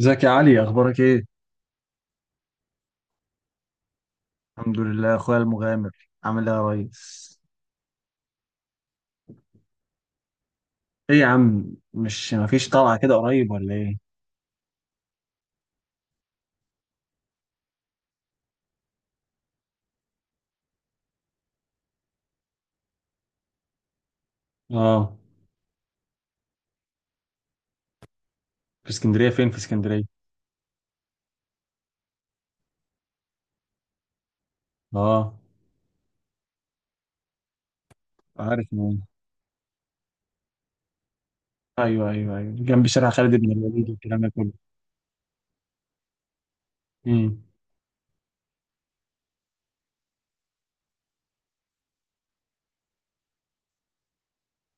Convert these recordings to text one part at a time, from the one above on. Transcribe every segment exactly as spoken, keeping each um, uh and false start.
ازيك يا علي، اخبارك ايه؟ الحمد لله يا اخويا المغامر. عامل ايه يا ريس؟ ايه يا عم، مش مفيش طلعه كده قريب ولا ايه؟ اه. في اسكندريه فين في اسكندريه؟ اه، عارف مين. ايوه ايوه ايوه، جنب شارع خالد بن الوليد والكلام ده كله. امم.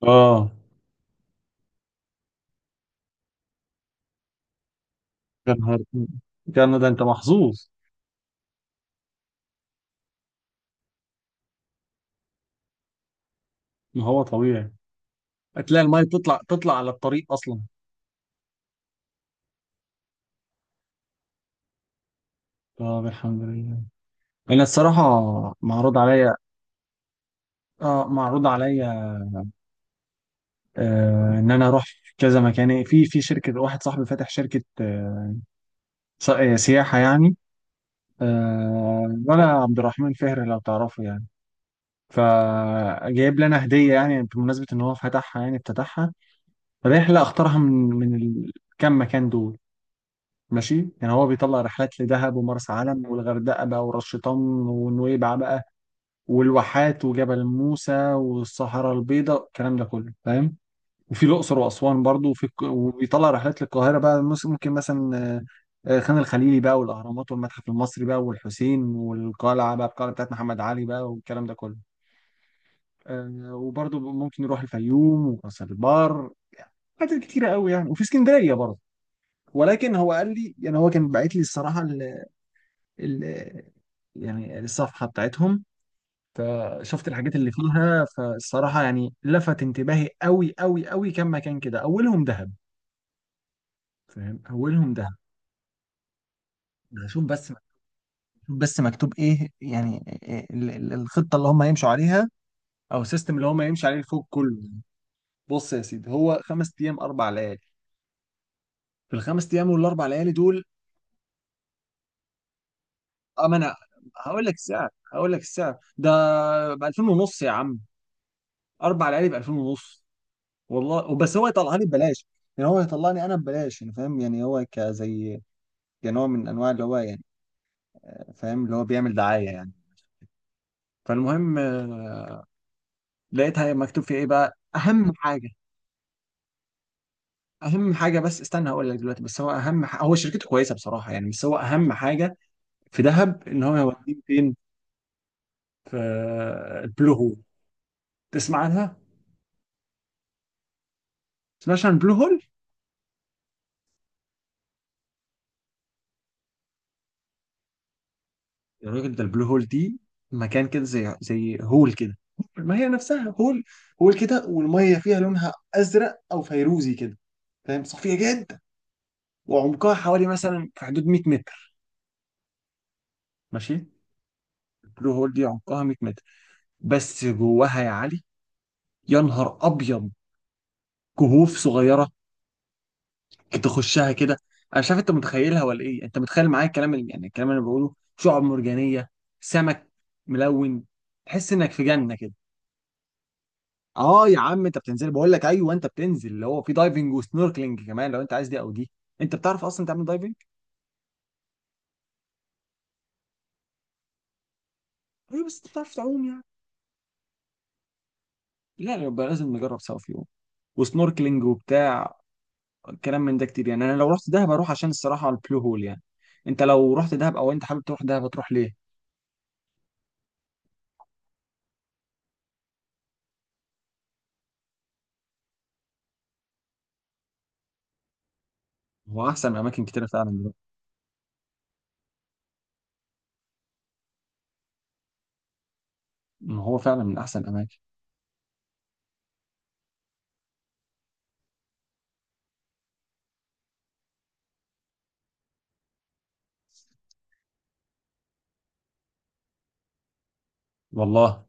اه. يا نهار، يا نهار ده انت محظوظ! ما هو طبيعي. هتلاقي الميه تطلع تطلع على الطريق اصلا. طب الحمد لله. انا الصراحه، معروض عليا. اه، معروض عليا. آه، ان انا اروح في كذا مكان، يعني في في شركه واحد صاحبي فاتح شركه، آه، ص- آه، سياحه يعني. آه، ولا عبد الرحمن فهر لو تعرفه يعني. فجايب لي انا هديه، يعني بمناسبه ان هو فتحها يعني افتتحها. رحله اختارها من من الكام مكان دول. ماشي يعني، هو بيطلع رحلات لدهب ومرسى علم والغردقه بقى وراس شيطان ونويبع بقى والواحات وجبل موسى والصحراء البيضاء الكلام ده كله فاهم. وفي الأقصر وأسوان برضو، وفي الك- وبيطلع رحلات للقاهرة بقى، مس- ممكن مثلا آه، آه، خان الخليلي بقى والأهرامات والمتحف المصري بقى والحسين والقلعة بقى، القلعة بتاعت محمد علي بقى والكلام ده كله. آه، وبرضو ممكن يروح الفيوم وراس البر. حاجات كتيرة قوي يعني، وفي اسكندرية برضو. ولكن هو قال لي، يعني هو كان باعت لي الصراحة ال ال يعني الصفحة بتاعتهم. فشفت الحاجات اللي فيها، فالصراحة يعني لفت انتباهي قوي قوي قوي كم مكان كده، أولهم دهب. فاهم، أولهم دهب. شوف بس شوف، بس مكتوب ايه يعني؟ ال- ال- الخطه اللي هم هيمشوا عليها، او السيستم اللي هم هيمشي عليه الفوق كله. بص يا سيدي، هو خمس ايام اربع ليالي. في الخمس ايام والاربع ليالي دول، اه ما انا هقول لك السعر هقول لك السعر ده ب ألفين ونص يا عم، اربع ليالي ب ألفين ونص. والله بس هو يطلعها لي ببلاش. يعني هو يطلعني انا ببلاش، يعني فاهم، يعني هو كزي كنوع من انواع اللي هو يعني آه، فاهم، اللي هو بيعمل دعايه يعني. فالمهم آه، لقيتها مكتوب فيه ايه بقى، اهم حاجه. اهم حاجه بس استنى، هقول لك دلوقتي، بس هو اهم ح... هو شركته كويسه بصراحه يعني، بس هو اهم حاجه في دهب ان هو هيوديك فين. في البلو هول. تسمع عنها، ما تسمعش عن البلو هول؟ يا راجل، ده البلو هول دي مكان كده زي زي هول كده، ما هي نفسها هول، هول كده، والميه فيها لونها ازرق او فيروزي كده، فاهم، صافيه جدا. وعمقها حوالي مثلا في حدود ميت متر، ماشي. البلو هول دي عمقها ميت متر، بس جواها يا علي، يا نهار ابيض، كهوف صغيره تخشها كده. انا شايف انت متخيلها ولا ايه؟ انت متخيل معايا الكلام اللي، يعني الكلام اللي انا بقوله؟ شعاب مرجانيه، سمك ملون، تحس انك في جنه كده. اه يا عم انت بتنزل، بقول لك ايوه انت بتنزل اللي هو في دايفنج وسنوركلينج كمان، لو انت عايز دي او دي. انت بتعرف اصلا تعمل دايفنج؟ ايوه، بس انت بتعرف تعوم يعني؟ لا لا، يبقى لازم نجرب سوا في يوم وسنوركلينج وبتاع، كلام من ده كتير يعني. انا لو رحت دهب اروح عشان الصراحه البلو هول يعني. انت لو رحت دهب، او انت حابب تروح دهب هتروح ليه؟ هو احسن اماكن كتير فعلا دلوقتي. ما هو فعلا من احسن الاماكن. والله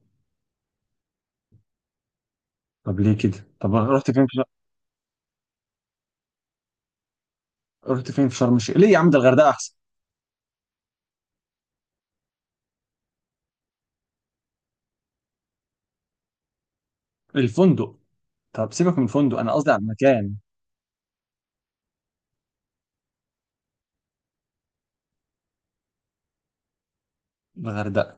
طب ليه كده؟ طب رحت فين في شر... رحت فين في شرم الشيخ ليه يا عم؟ ده الغردقه احسن. الفندق، طب سيبك من الفندق، انا قصدي على المكان. الغردقه.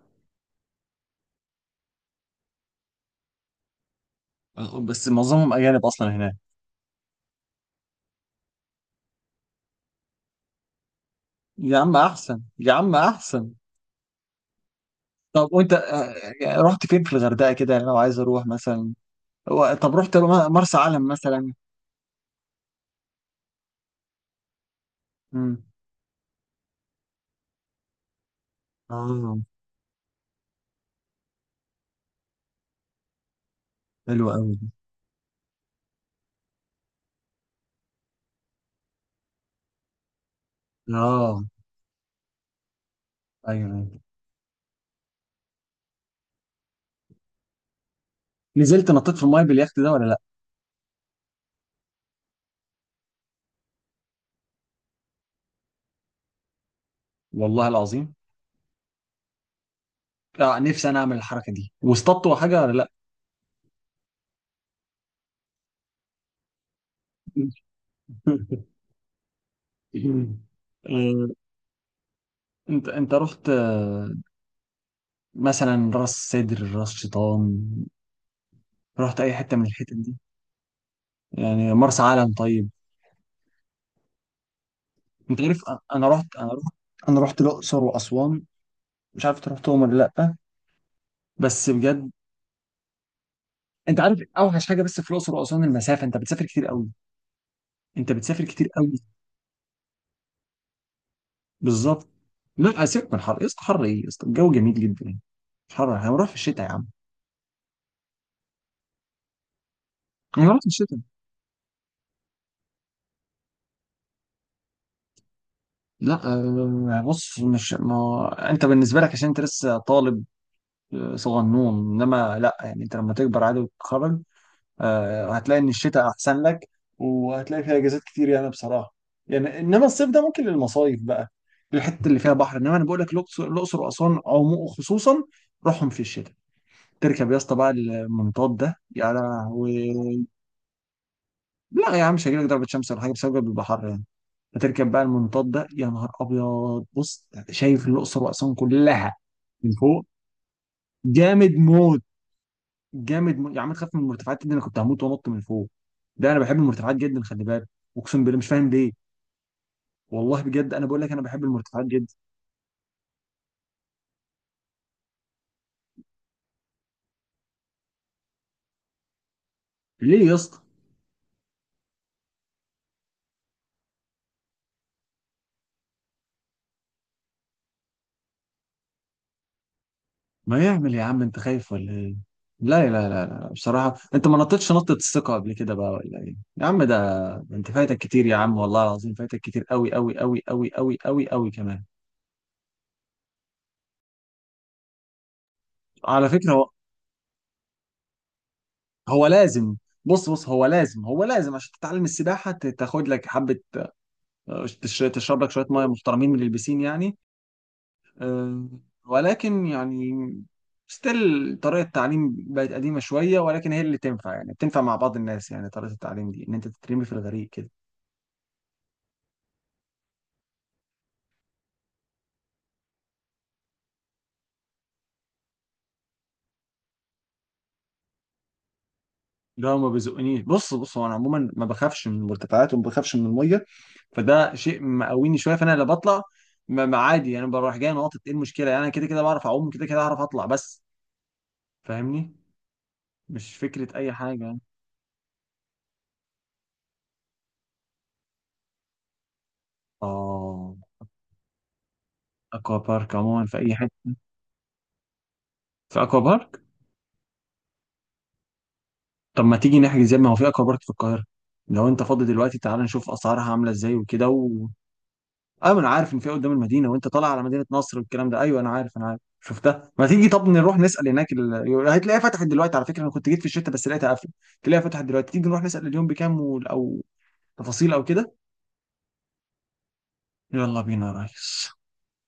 بس معظمهم اجانب اصلا هناك. يا عم احسن، يا عم احسن. طب وانت آه، آه، آه، رحت فين في الغردقه كده يعني لو عايز اروح مثلا؟ هو- طب رحت م- مرسى علم مثلا؟ امم. اه. حلو قوي. اه. ايوه، أيوة. نزلت نطيت في المايه باليخت ده ولا لا؟ والله العظيم. آه نفسي انا اعمل الحركه دي، واصطادت حاجه ولا؟ لا. آه، انت انت رحت آه، مثلا راس سدر راس شيطان؟ رحت اي حته من الحتت دي؟ يعني مرسى علم طيب؟ انت عارف انا، أنا رحت انا رحت انا رحت الاقصر واسوان. مش عارف انت رحتهم ولا لا، بس بجد. انت عارف اوحش حاجه بس في الاقصر واسوان، المسافه، انت بتسافر كتير قوي، انت بتسافر كتير قوي. بالظبط. لا سيبك من الحر يا اسطى، حر ايه يا اسطى؟ الجو جميل جدا. مش حر، احنا هنروح في الشتاء يا عم. هنروح في الشتاء. لا، آه، بص، مش ما هو انت بالنسبه لك عشان انت لسه طالب، آه، صغنون. انما لا يعني، انت لما تكبر عادي وتتخرج آه، هتلاقي ان الشتاء احسن لك. وهتلاقي فيها اجازات كتير يعني بصراحه. يعني انما الصيف ده ممكن للمصايف بقى، للحته اللي فيها بحر. انما انا بقول لك الاقصر الأقصر واسوان عمو خصوصا، روحهم في الشتاء. تركب يا اسطى بقى المنطاد ده يا لهوي! لا يا عم، مش هيجيلك ضربه شمس ولا حاجه بسبب البحر يعني. فتركب بقى المنطاد ده، يا نهار ابيض، بص شايف الاقصر واسوان كلها من فوق، جامد موت، جامد موت يا عم. تخاف من المرتفعات دي؟ انا كنت هموت وانط من فوق. ده انا بحب المرتفعات جدا، خلي بالك. اقسم بالله مش فاهم ليه. والله بجد انا بقول لك، انا بحب المرتفعات جدا. ليه يا اسطى؟ ما يعمل يا عم، انت خايف ولا ايه؟ لا لا لا لا، بصراحه انت ما نطيتش نطه الثقه قبل كده بقى ولا ايه يا عم؟ ده ده انت فايتك كتير يا عم، والله العظيم فايتك كتير قوي قوي قوي قوي قوي قوي قوي كمان. على فكره، هو لازم بص بص، هو لازم هو لازم عشان تتعلم السباحة، ت- تاخد لك حبة، آه، تش- تشرب لك شوية مية محترمين من البسين يعني. آه، ولكن يعني ستيل طريقة التعليم بقت قديمة شوية، ولكن هي اللي تنفع يعني، بتنفع مع بعض الناس يعني، طريقة التعليم دي إن أنت تترمي في الغريق كده. لا ما بيزقنيش، بص بص هو، أنا عموما ما بخافش من المرتفعات وما بخافش من المية. فده شيء مقويني شوية، فأنا لا بطلع. ما ما عادي يعني، بروح جاي ناطط، إيه المشكلة يعني؟ أنا كده كده بعرف أعوم، كده كده أعرف أطلع بس. فاهمني. مش فكرة أي حاجة يعني. آه. أكوا بارك عموما في أي حتة. في أكوا بارك. طب ما تيجي نحجز يا ابني، ما هو في أكوا بارك في القاهرة، لو أنت فاضي دلوقتي تعال نشوف أسعارها عاملة إزاي وكده و... أيوة أنا عارف إن في قدام المدينة، وأنت طالع على مدينة نصر والكلام ده. أيوة أنا عارف، أنا عارف شفتها. ما تيجي طب نروح نسأل هناك، ال... هتلاقيها فتحت دلوقتي، على فكرة أنا كنت جيت في الشتاء بس لقيتها قافلة. تلاقيها فتحت دلوقتي، تيجي نروح نسأل اليوم بكام، وال- أو تفاصيل أو كده. يلا بينا يا ريس.